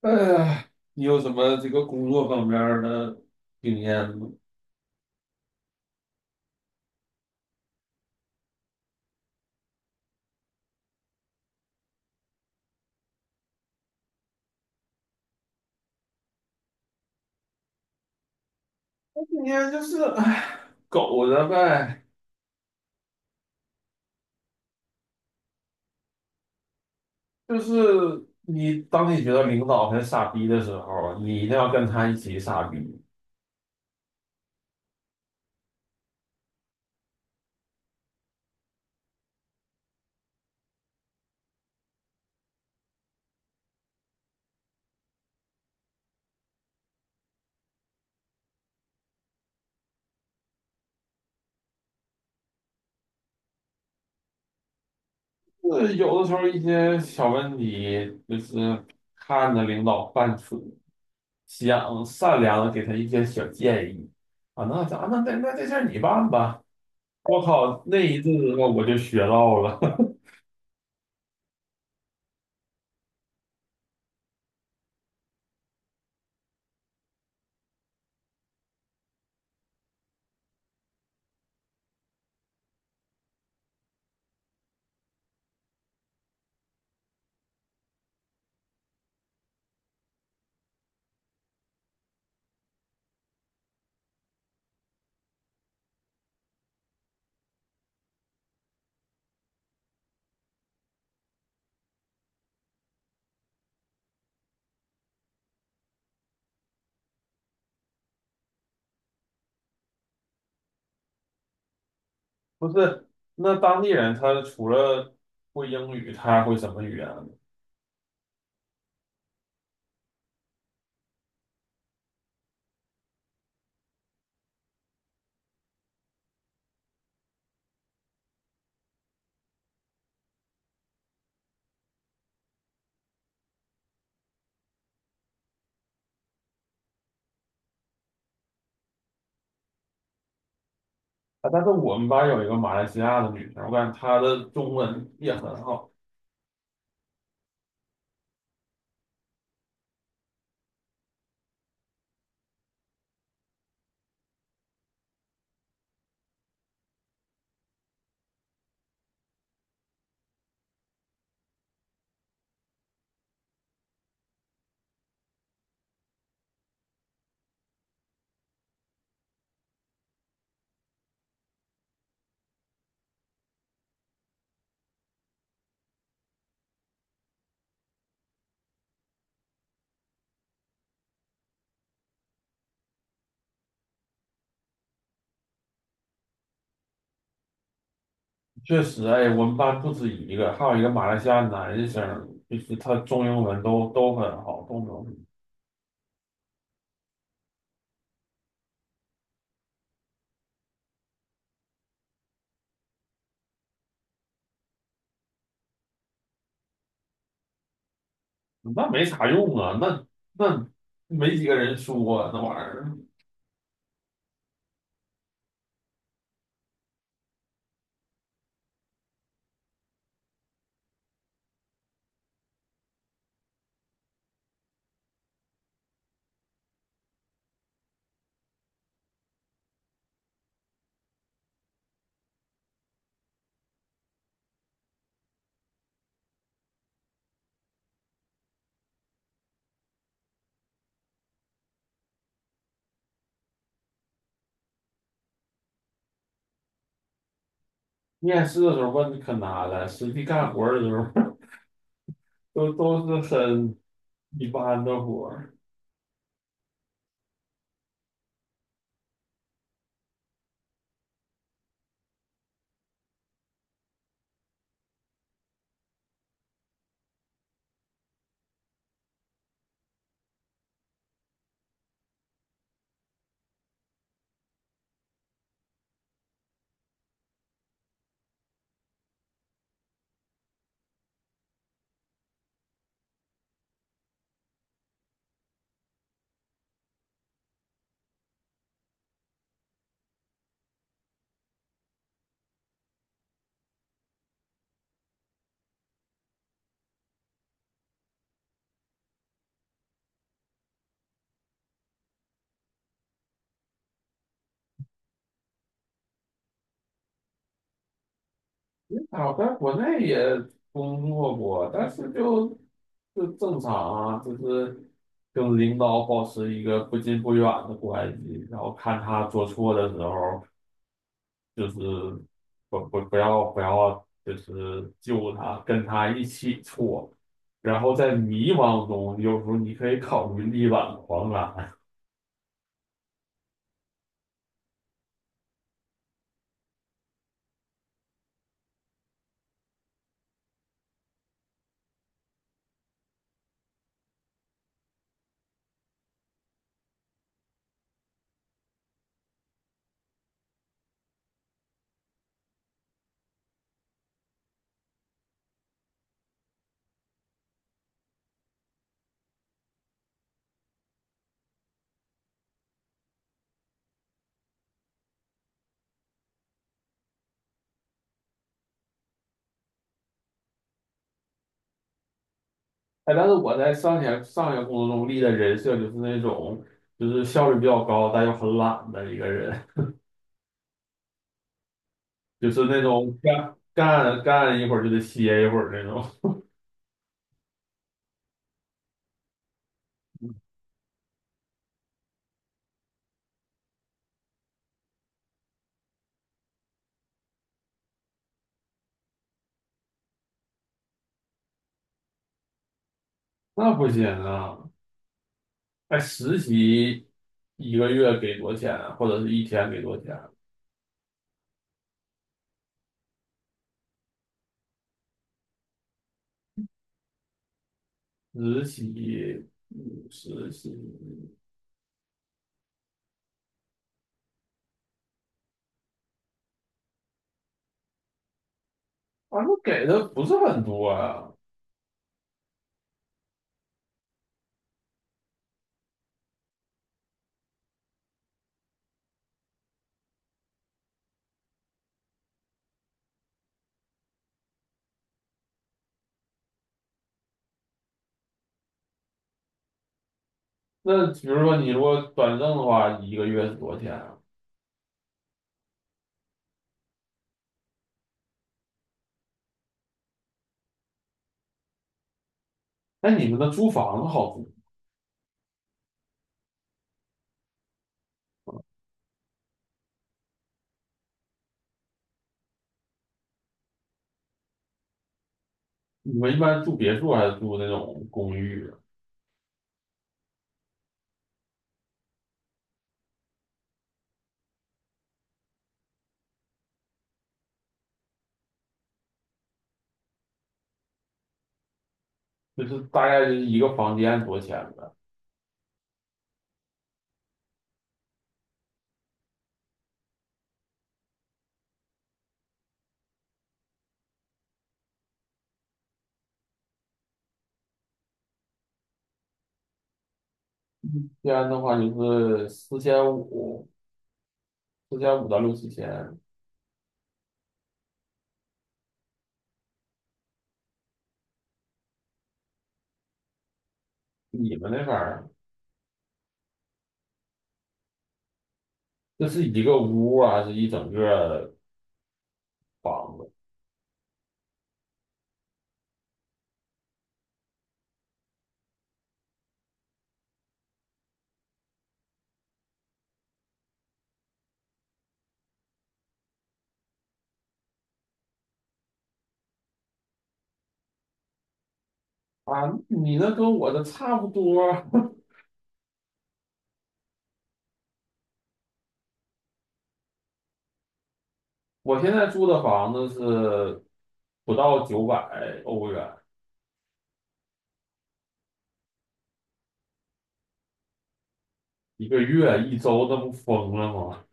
哎呀，你有什么这个工作方面儿的经验吗？我今天就是，哎，苟着呗。就是你当你觉得领导很傻逼的时候，你一定要跟他一起傻逼。就是有的时候一些小问题，就是看着领导犯蠢，想善良的给他一些小建议啊。那咱那那那这事儿你办吧。我靠，那一阵子我就学到了。不是，那当地人他除了会英语，他还会什么语言呢？啊，但是我们班有一个马来西亚的女生，我感觉她的中文也很好。确实，哎，我们班不止一个，还有一个马来西亚男生，就是他中英文都很好，都能。那没啥用啊，那没几个人说啊那玩意儿。面试的时候问可难了，实际干活儿的时候 都是很一般的活儿啊，我在国内也工作过，但是就正常啊，就是跟领导保持一个不近不远的关系，然后看他做错的时候，就是不要，就是救他，跟他一起错，然后在迷茫中，有时候你可以考虑力挽狂澜。哎，但是我在上一个工作中立的人设就是那种就是效率比较高，但又很懒的一个人。就是那种干一会儿就得歇一会儿那种，那不行啊！哎，实习一个月给多少钱啊或者是一天给多少钱啊？实习，反正给的不是很多啊。那比如说你如果转正的话，一个月是多少钱啊？哎，你们的租房子好租？你们一般住别墅还是住那种公寓啊？就是大概就是一个房间多少钱呗？一般的话就是四千五。四千五到六七千，你们那边儿这是一个屋啊，还是一整个房子啊？你那跟我的差不多，我现在住的房子是不到900欧元，一个月一周，那不疯了吗？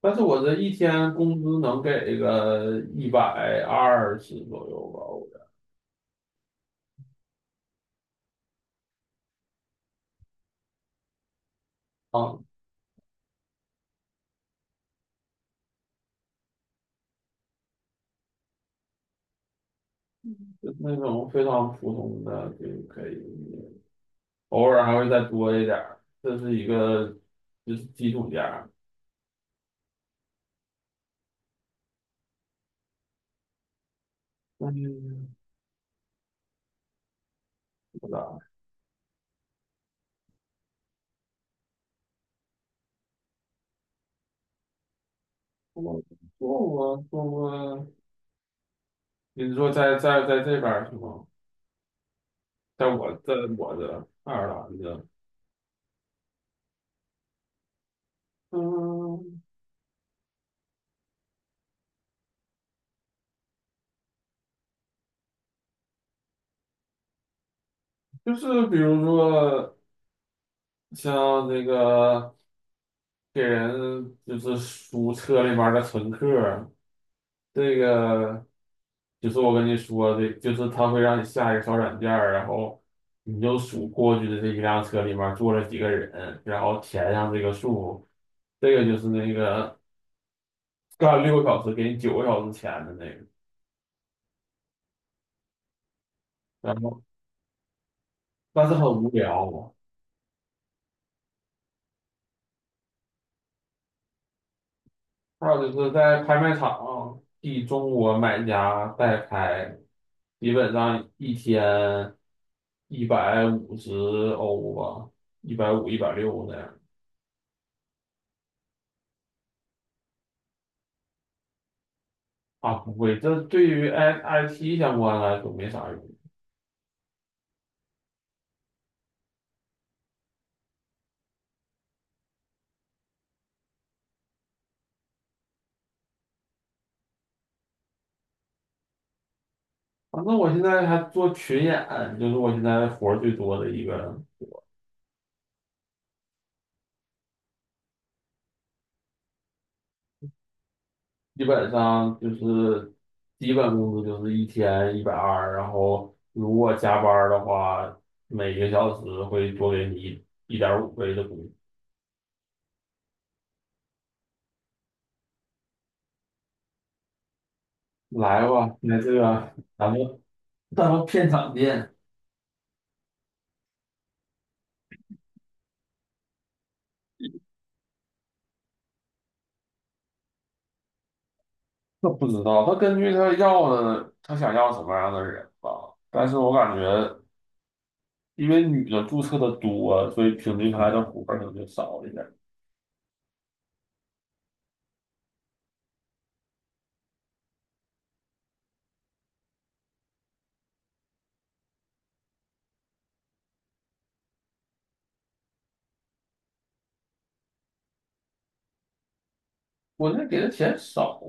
但是我这一天工资能给个120左右吧，我啊，就是那种非常普通的就可以，偶尔还会再多一点儿，这是一个就是基础价。嗯，是吧？我我做过，你是说在这边儿是吗？在我的爱尔兰的，嗯，就是比如说像那个给人就是数车里面儿的乘客儿这个就是我跟你说的，就是他会让你下一个小软件儿然后你就数过去的这一辆车里面儿坐了几个人，然后填上这个数，这个就是那个干6个小时给你9个小时钱的那个。然后但是很无聊。还有就是在拍卖场替中国买家代拍，基本上一天150欧吧，一百五、160那样。啊，不会，这对于 IT 相关来说没啥用。反正我现在还做群演，就是我现在活儿最多的一个基本上就是基本工资就是一天一百二，然后如果加班儿的话，每个小时会多给你1.5倍的工资。来吧，那这个 咱们片场见。那不知道，他根据他要的，他想要什么样的人吧。但是我感觉，因为女的注册的多，所以平均下来的活儿可能就少一点。我那给的钱少，